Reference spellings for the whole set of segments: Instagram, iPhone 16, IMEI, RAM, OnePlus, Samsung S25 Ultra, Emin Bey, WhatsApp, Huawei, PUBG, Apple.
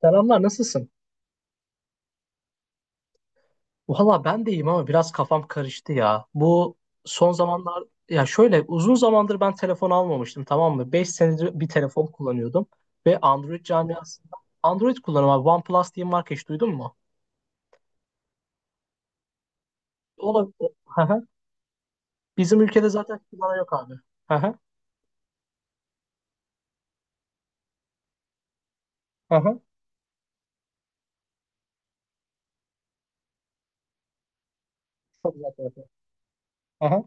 Selamlar, nasılsın? Valla ben de iyiyim ama biraz kafam karıştı ya. Bu son zamanlar ya şöyle uzun zamandır ben telefon almamıştım, tamam mı? 5 senedir bir telefon kullanıyordum ve Android camiasında Android kullanıyorum abi. OnePlus diye bir marka hiç duydun mu? Olabilir. Hı hı. Bizim ülkede zaten kullanan yok abi. Hı hı. Hı hı. Çok güzel telefon. Hı hı.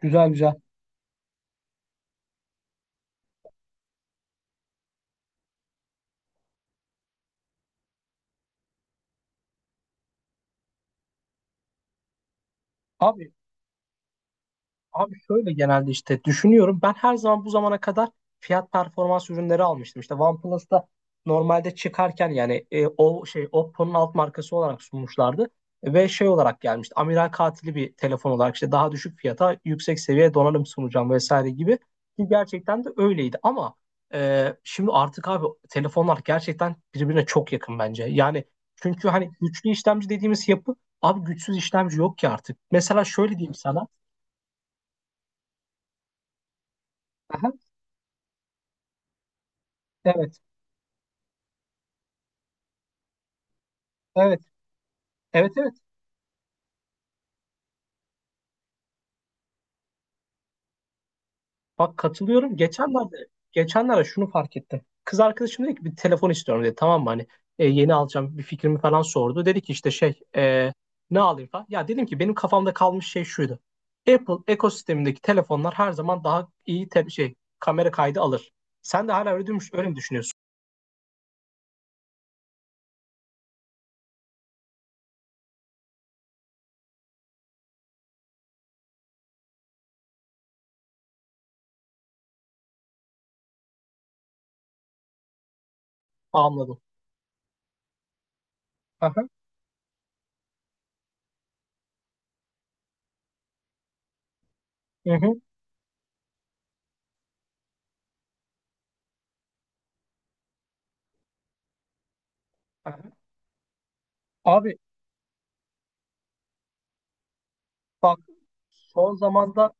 Güzel güzel. Abi Abi şöyle genelde işte düşünüyorum. Ben her zaman bu zamana kadar fiyat performans ürünleri almıştım. İşte OnePlus'ta normalde çıkarken yani o şey Oppo'nun alt markası olarak sunmuşlardı. Ve şey olarak gelmişti. Amiral katili bir telefon olarak işte daha düşük fiyata yüksek seviye donanım sunacağım vesaire gibi. Ki gerçekten de öyleydi. Ama şimdi artık abi telefonlar gerçekten birbirine çok yakın bence. Yani çünkü hani güçlü işlemci dediğimiz yapı abi güçsüz işlemci yok ki artık. Mesela şöyle diyeyim sana. Evet, evet, evet, evet. Bak katılıyorum. Geçenlerde şunu fark ettim. Kız arkadaşım dedi ki bir telefon istiyorum dedi. Tamam mı hani yeni alacağım bir fikrimi falan sordu. Dedi ki işte şey ne alayım falan. Ya dedim ki benim kafamda kalmış şey şuydu. Apple ekosistemindeki telefonlar her zaman daha iyi şey kamera kaydı alır. Sen de hala öyle, öyle mi düşünüyorsun? Anladım. Aha, hı hı. Aha. Abi bak son zamanda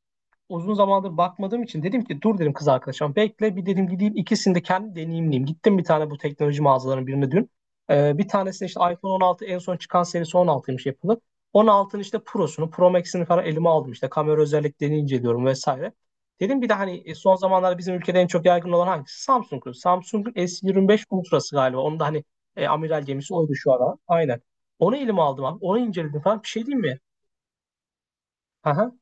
uzun zamandır bakmadığım için dedim ki dur dedim kız arkadaşım bekle bir dedim gideyim ikisini de kendi deneyimleyeyim. Gittim bir tane bu teknoloji mağazalarının birine dün. Bir tanesine işte iPhone 16 en son çıkan serisi on altıymış yapılı. 16'nın işte Pro'sunu, Pro Max'ini falan elime aldım, işte kamera özelliklerini inceliyorum vesaire. Dedim bir de hani son zamanlarda bizim ülkede en çok yaygın olan hangisi? Samsung'un. Samsung'un S25 Ultra'sı galiba. Onu da hani amiral gemisi oydu şu ara. Aynen. Onu elime aldım abi. Onu inceledim falan. Bir şey diyeyim mi? Aha.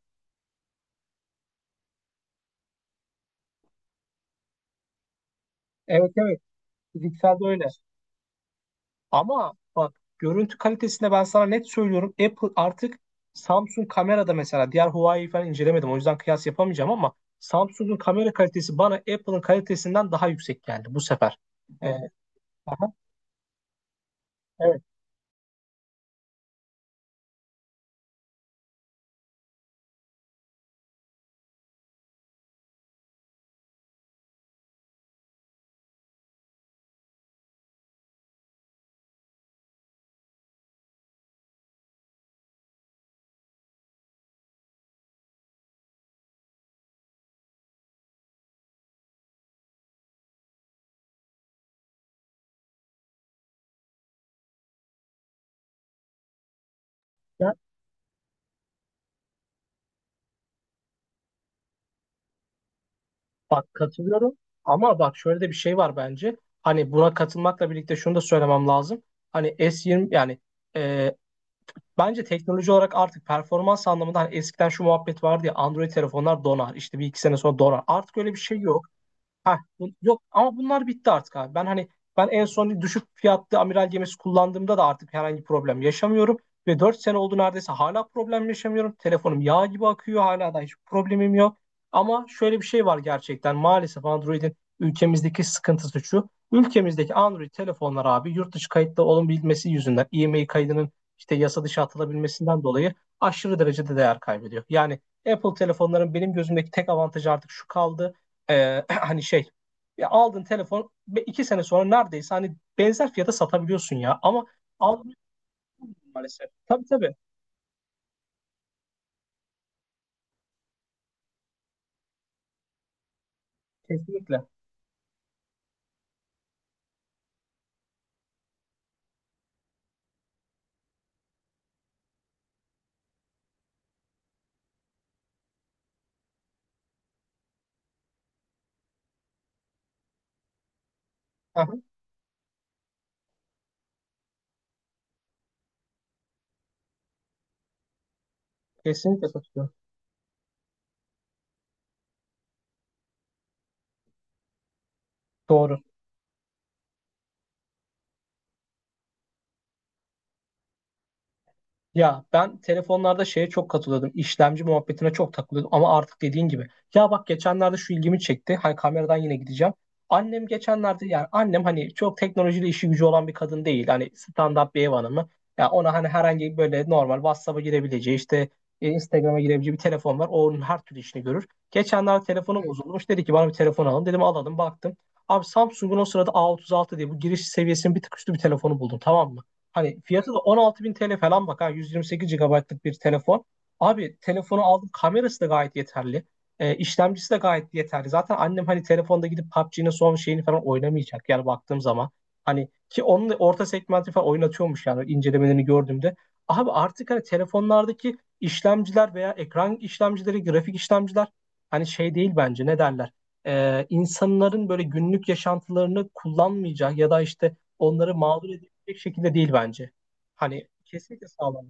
Evet evet. Fizikselde öyle. Ama bak görüntü kalitesinde ben sana net söylüyorum. Apple artık Samsung kamerada, mesela diğer Huawei falan incelemedim. O yüzden kıyas yapamayacağım ama Samsung'un kamera kalitesi bana Apple'ın kalitesinden daha yüksek geldi bu sefer. Ee, aha, evet. Ya, bak katılıyorum ama bak şöyle de bir şey var bence. Hani buna katılmakla birlikte şunu da söylemem lazım. Hani S20 yani e, bence teknoloji olarak artık performans anlamında hani eskiden şu muhabbet vardı ya, Android telefonlar donar, işte bir iki sene sonra donar. Artık öyle bir şey yok. Ha, yok ama bunlar bitti artık abi. Ben hani ben en son düşük fiyatlı amiral gemisi kullandığımda da artık herhangi problem yaşamıyorum. Ve 4 sene oldu neredeyse hala problem yaşamıyorum. Telefonum yağ gibi akıyor hala da hiç problemim yok. Ama şöyle bir şey var, gerçekten maalesef Android'in ülkemizdeki sıkıntısı şu. Ülkemizdeki Android telefonlar abi yurt dışı kayıtlı olabilmesi yüzünden IMEI kaydının işte yasa dışı atılabilmesinden dolayı aşırı derecede değer kaybediyor. Yani Apple telefonların benim gözümdeki tek avantajı artık şu kaldı. Hani şey, ya aldın telefon ve iki sene sonra neredeyse hani benzer fiyata satabiliyorsun ya, ama almıyorsun maalesef. Tabii tabii kesinlikle. Aha, kesinlikle satılıyor. Doğru. Ya ben telefonlarda şeye çok katılıyordum. İşlemci muhabbetine çok takılıyordum ama artık dediğin gibi. Ya bak geçenlerde şu ilgimi çekti. Hani kameradan yine gideceğim. Annem geçenlerde, yani annem hani çok teknolojiyle işi gücü olan bir kadın değil. Hani standart bir ev hanımı. Ya ona hani herhangi böyle normal WhatsApp'a girebileceği, işte Instagram'a girebileceği bir telefon var. O onun her türlü işini görür. Geçenlerde telefonu bozulmuş. Dedi ki bana bir telefon alın. Dedim alalım baktım. Abi Samsung'un o sırada A36 diye bu giriş seviyesinin bir tık üstü bir telefonu buldum tamam mı? Hani fiyatı da 16.000 TL falan, bak ha, 128 GB'lık bir telefon. Abi telefonu aldım, kamerası da gayet yeterli. İşlemcisi de gayet yeterli. Zaten annem hani telefonda gidip PUBG'nin son şeyini falan oynamayacak yani baktığım zaman. Hani ki onun da orta segmenti falan oynatıyormuş yani incelemelerini gördüğümde. Abi artık hani telefonlardaki işlemciler veya ekran işlemcileri, grafik işlemciler hani şey değil bence, ne derler. İnsanların böyle günlük yaşantılarını kullanmayacak ya da işte onları mağdur bir şekilde değil bence. Hani kesinlikle sağlam.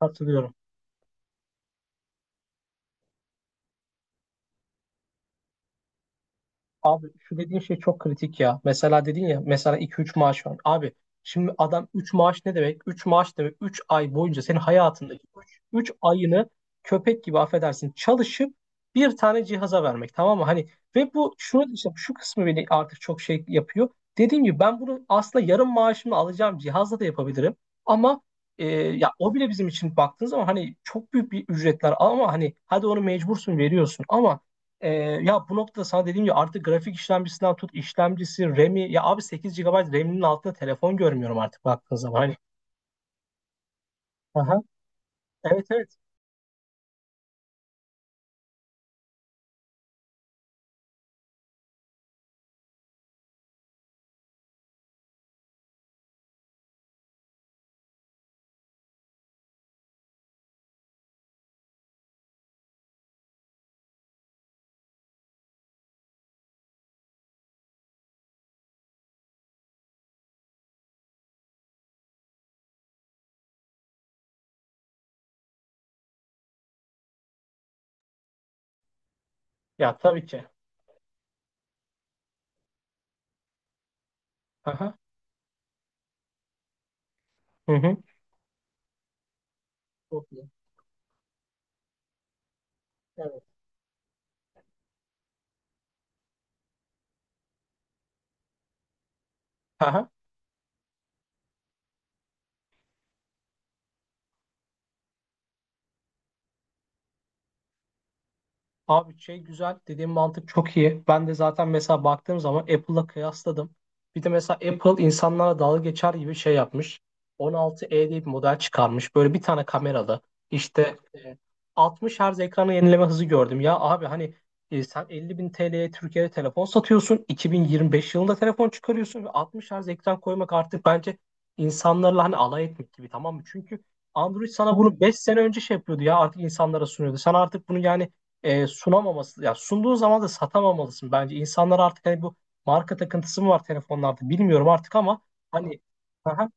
Hatırlıyorum. Abi şu dediğin şey çok kritik ya. Mesela dedin ya, mesela iki üç maaş var. Abi şimdi adam 3 maaş ne demek? 3 maaş demek 3 ay boyunca senin hayatındaki üç ayını köpek gibi affedersin çalışıp bir tane cihaza vermek tamam mı? Hani ve bu şunu işte şu kısmı beni artık çok şey yapıyor. Dediğim gibi ben bunu aslında yarım maaşımla alacağım cihazla da yapabilirim. Ama ya o bile bizim için baktığın zaman hani çok büyük bir ücretler ama hani hadi onu mecbursun veriyorsun ama ee, ya bu noktada sana dediğim gibi artık grafik işlemcisinden tut işlemcisi, RAM'i, ya abi 8 GB RAM'inin altında telefon görmüyorum artık baktığın zaman. Hani. Aha. Evet evet. Ya tabii ki. Aha. Hı hı. Çok iyi. Evet. Aha. Abi şey güzel dediğim mantık çok iyi. Ben de zaten mesela baktığım zaman Apple'la kıyasladım. Bir de mesela Apple insanlara dalga geçer gibi şey yapmış. 16e diye bir model çıkarmış. Böyle bir tane kameralı. İşte e, 60 Hz ekranı yenileme hızı gördüm. Ya abi hani sen 50 bin TL'ye Türkiye'de telefon satıyorsun. 2025 yılında telefon çıkarıyorsun. Ve 60 Hz ekran koymak artık bence insanlarla hani alay etmek gibi tamam mı? Çünkü Android sana bunu 5 sene önce şey yapıyordu ya, artık insanlara sunuyordu. Sen artık bunu yani sunamaması, ya sunduğun zaman da satamamalısın bence. İnsanlar artık hani bu marka takıntısı mı var telefonlarda, bilmiyorum artık ama hani aha,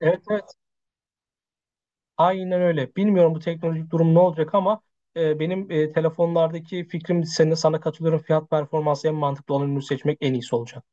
evet evet aynen öyle. Bilmiyorum bu teknolojik durum ne olacak ama benim telefonlardaki fikrim sana katılıyorum. Fiyat performansı en mantıklı olan ürünü seçmek en iyisi olacak.